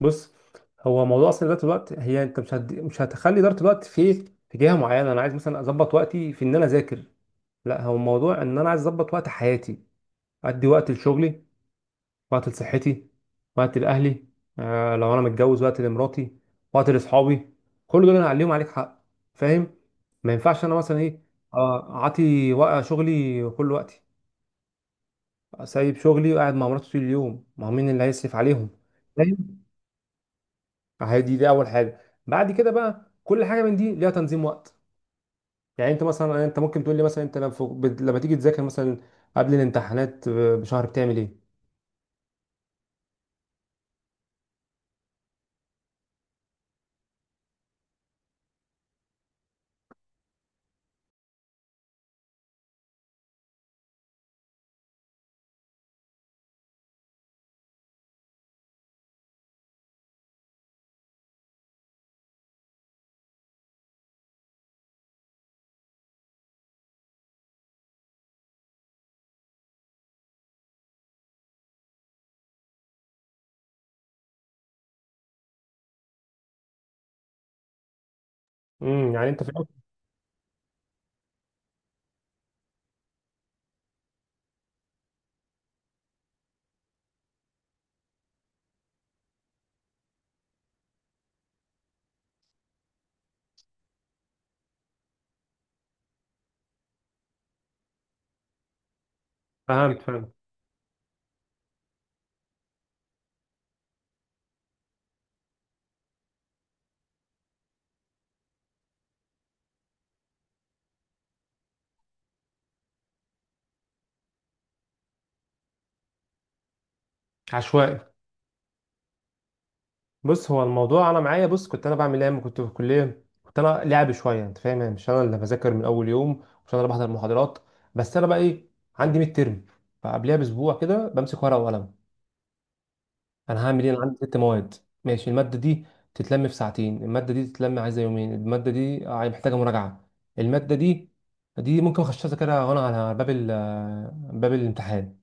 بص، هو موضوع اصلا اداره الوقت، هي انت مش مش هتخلي اداره الوقت في جهه معينه. انا عايز مثلا اظبط وقتي في ان انا اذاكر، لا هو الموضوع ان انا عايز اظبط وقت حياتي. ادي وقت لشغلي، وقت لصحتي، وقت لاهلي، آه لو انا متجوز وقت لمراتي، وقت لاصحابي. كل دول انا عليهم عليك حق، فاهم؟ ما ينفعش انا مثلا ايه، اعطي شغلي كل وقتي، سايب شغلي وقاعد مع مراتي طول اليوم، ما هو مين اللي هيصرف عليهم؟ عادي، دي اول حاجه. بعد كده بقى كل حاجه من دي ليها تنظيم وقت. يعني انت مثلا، يعني انت ممكن تقول لي مثلا انت لما لما تيجي تذاكر مثلا قبل الامتحانات بشهر بتعمل ايه؟ يعني انت في فهمت. عشوائي. بص، هو الموضوع انا معايا. بص، كنت انا بعمل ايه لما كنت في الكليه؟ كنت انا لعب شويه، انت فاهم، يعني مش انا اللي بذاكر من اول يوم، مش انا اللي بحضر المحاضرات. بس انا بقى ايه، عندي ميد ترم، فقبلها باسبوع كده بمسك ورقه وقلم. انا هعمل ايه؟ انا عندي 6 مواد. ماشي، الماده دي تتلم في ساعتين، الماده دي تتلم عايزه يومين، الماده دي محتاجه مراجعه، الماده دي دي ممكن اخش اذاكرها وانا على باب الامتحان.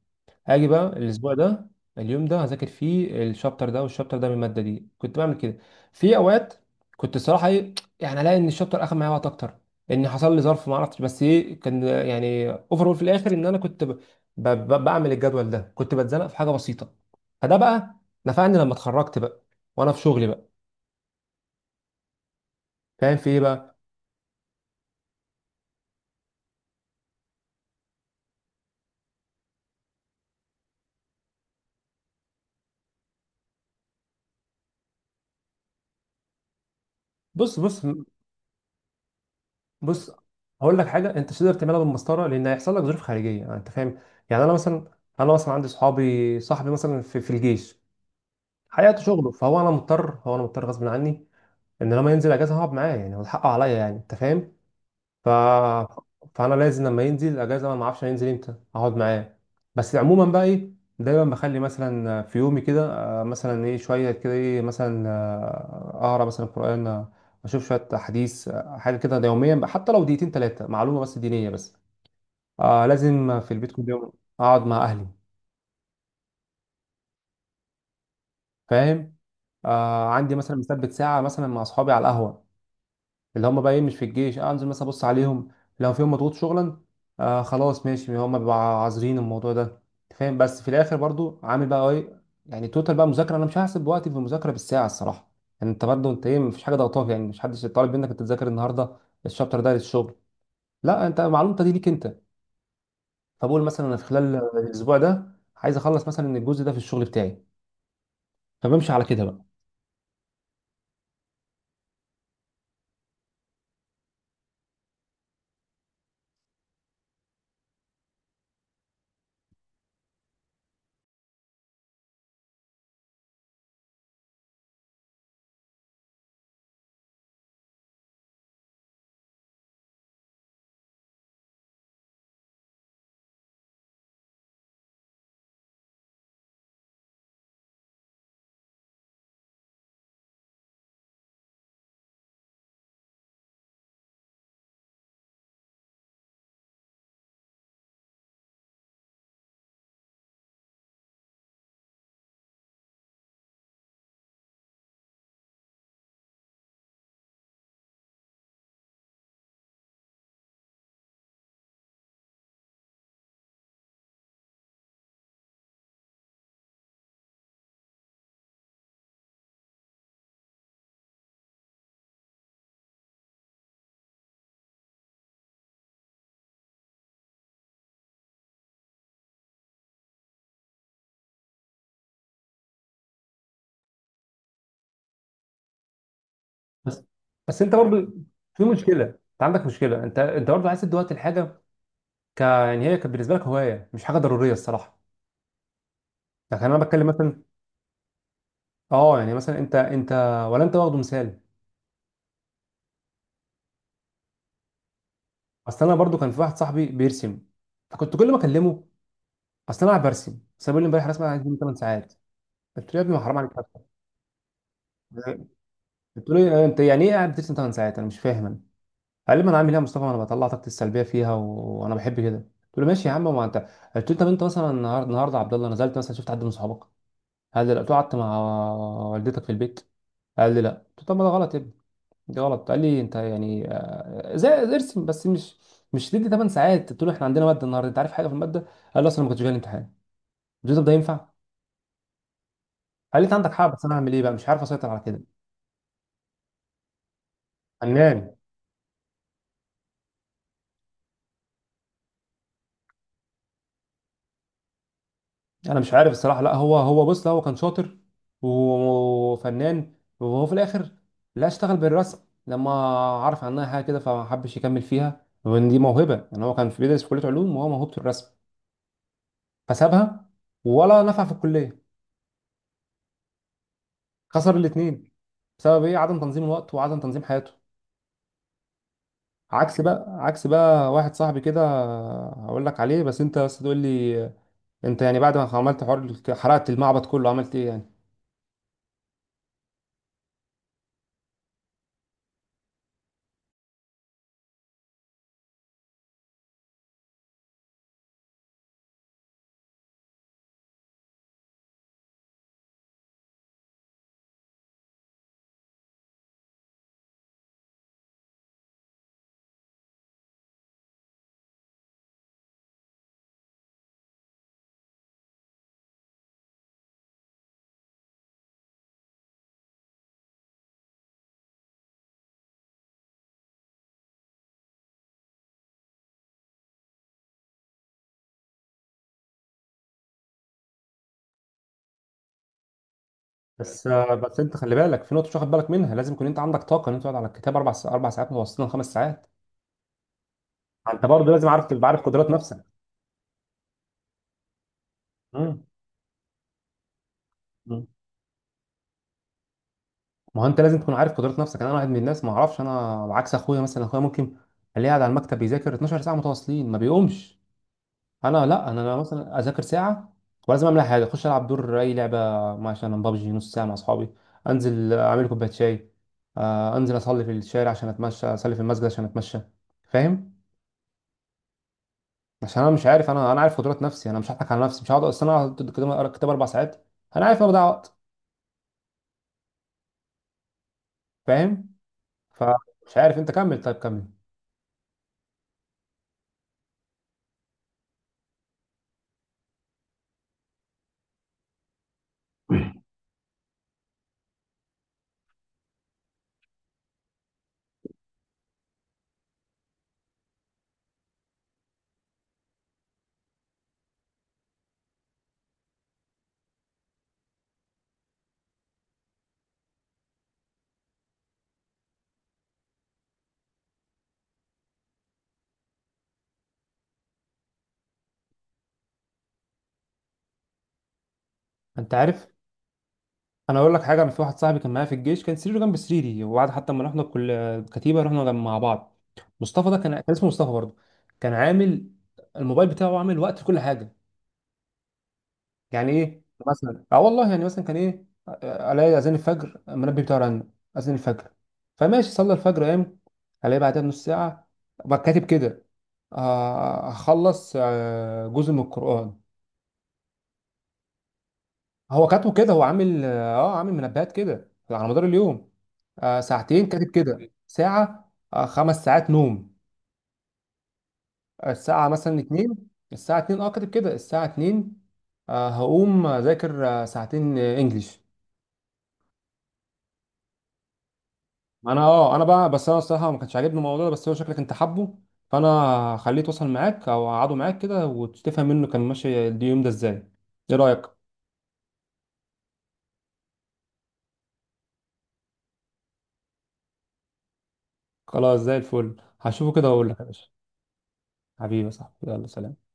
هاجي بقى الاسبوع ده، اليوم ده هذاكر فيه الشابتر ده والشابتر ده من الماده دي، كنت بعمل كده. في اوقات كنت الصراحه ايه، يعني الاقي ان الشابتر اخد معايا وقت اكتر، ان حصل لي ظرف ما اعرفش، بس ايه كان، يعني اوفرول في الاخر ان انا كنت بعمل الجدول ده، كنت بتزنق في حاجه بسيطه. فده بقى نفعني لما اتخرجت بقى وانا في شغلي بقى. فاهم في ايه بقى؟ بص بص بص، هقول لك حاجه، انت مش تقدر تعملها بالمسطره لان هيحصل لك ظروف خارجيه، يعني انت فاهم. يعني انا مثلا، انا مثلا عندي صحابي، صاحبي مثلا في الجيش، حياته شغله، فهو انا مضطر، هو انا مضطر غصب عني ان لما ينزل اجازه هقعد معاه، يعني هو حقه عليا، يعني انت فاهم. ف... فانا لازم لما ينزل اجازه، انا ما اعرفش هينزل امتى، اقعد معاه. بس عموما بقى ايه، دايما بخلي مثلا في يومي كده مثلا ايه شويه كده ايه مثلا، اقرا مثلا قران، اشوف شويه حديث، حاجه كده يوميا بقى، حتى لو دقيقتين ثلاثه معلومه بس دينيه بس. آه لازم في البيت كل يوم اقعد مع اهلي، فاهم؟ آه عندي مثلا مثبت ساعه مثلا مع اصحابي على القهوه، اللي هم بقى ايه مش في الجيش، انزل مثلا ابص عليهم. لو فيهم مضغوط شغلا، آه خلاص ماشي، هم بيبقوا عازرين الموضوع ده، أنت فاهم. بس في الاخر برضو عامل بقى ايه، يعني توتال بقى مذاكره، انا مش هحسب وقتي في المذاكره بالساعه الصراحه. يعني انت برضو انت ايه، مفيش حاجه ضغطاك، يعني مش حدش طالب منك انت تذاكر النهارده الشابتر ده للشغل، لا انت معلومتك دي ليك انت. فبقول مثلا انا في خلال الاسبوع ده عايز اخلص مثلا الجزء ده في الشغل بتاعي، فبمشي على كده بقى. بس بس انت برضو في مشكله، انت عندك مشكله، انت برضو عايز تدي وقت الحاجه، ك يعني هي كانت بالنسبه لك هوايه مش حاجه ضروريه الصراحه. لكن انا بتكلم مثلا، اه يعني مثلا انت، ولا انت واخده مثال. اصل انا برضو كان في واحد صاحبي بيرسم، فكنت كل ما اكلمه اصل انا قاعد برسم، بس بيقول لي امبارح رسمه عايز تجيب 8 ساعات. قلت له يا ابني ما حرام عليك أكتر. قلت له إيه؟ انت يعني ايه قاعد بترسم 8 ساعات، انا مش فاهم انا. قال لي ما انا عامل ايه يا مصطفى، ما انا بطلع طاقتي السلبيه فيها وانا بحب كده. قلت له ماشي يا عم ما انت، قلت له طب انت مثلا النهارده يا عبد الله نزلت مثلا شفت حد من صحابك؟ قال لي لا. قلت له قعدت مع والدتك في البيت؟ قال لي لا. قلت له طب ما ده غلط يا ابني، دي غلط. قال لي انت يعني زي ارسم بس مش تدي 8 ساعات. قلت له احنا عندنا ماده النهارده، انت عارف حاجه في الماده؟ قال لي اصلا ما كنتش جاي الامتحان. قلت له طب ده ينفع؟ قال لي انت عندك حق بس انا هعمل ايه بقى، مش عارف اسيطر على كده. فنان. انا مش عارف الصراحه، لا هو بص، لا هو كان شاطر وفنان، وهو في الاخر لا اشتغل بالرسم لما عرف عنها حاجه كده، فما حبش يكمل فيها، وان دي موهبه. يعني هو كان في بيدرس في كليه علوم، وهو موهوبته الرسم، فسابها، ولا نفع في الكليه. خسر الاثنين بسبب ايه؟ عدم تنظيم الوقت وعدم تنظيم حياته. عكس بقى واحد صاحبي كده، هقول لك عليه، بس انت بس تقول لي انت يعني بعد ما عملت حوار حرقت المعبد كله عملت ايه يعني. بس انت خلي بالك في نقطه مش واخد بالك منها، لازم يكون انت عندك طاقه ان انت تقعد على الكتاب 4 ساعات، 4 ساعات متواصلين، 5 ساعات. انت برضه لازم عارف، تبقى عارف قدرات نفسك. مم. مم. ما هو انت لازم تكون عارف قدرات نفسك. انا واحد من الناس، ما اعرفش، انا عكس اخويا مثلا، اخويا ممكن الاقيه قاعد على المكتب بيذاكر 12 ساعه متواصلين ما بيقومش. انا لا، انا مثلا اذاكر ساعه ولازم اعمل حاجه، اخش العب دور اي لعبه، مثلا ببجي نص ساعه مع اصحابي، انزل اعمل كوبايه شاي، انزل اصلي في الشارع عشان اتمشى، اصلي في المسجد عشان اتمشى، فاهم؟ عشان انا مش عارف، انا عارف قدرات نفسي، انا مش هضحك على نفسي، مش هقعد اصل انا هقعد كده اقرا كتاب 4 ساعات، انا عارف ان أنا بضيع وقت. فاهم؟ فمش عارف انت، كمل طيب كمل. انت عارف، انا اقول لك حاجه. انا في واحد صاحبي كان معايا في الجيش، كان سريره جنب سريري، وبعد حتى ما رحنا كل كتيبه رحنا جنب مع بعض. مصطفى ده كان اسمه مصطفى برضه. كان عامل الموبايل بتاعه عامل وقت لكل حاجه. يعني ايه مثلا، اه والله يعني مثلا كان ايه، الاقي اذان الفجر المنبه بتاعه رن، اذان الفجر فماشي صلى الفجر قام. الاقي بعدها بنص ساعه بقى كاتب كده هخلص جزء من القران. هو كاتبه كده، هو عامل اه عامل منبهات كده على مدار اليوم. آه ساعتين كاتب كده ساعة، آه 5 ساعات نوم، الساعة مثلا اتنين. الساعة اتنين اه كاتب كده الساعة اتنين هقوم أذاكر، آه ساعتين آه انجليش. انا اه انا بقى، بس انا الصراحة ما كانش عاجبني الموضوع ده، بس هو شكلك انت حابه، فانا خليه يتواصل معاك او اقعده معاك كده وتفهم منه كان ماشي اليوم ده ازاي. ايه رأيك؟ خلاص زي الفل، هشوفه كده واقول لك يا باشا. حبيبي يا صاحبي، يلا سلام.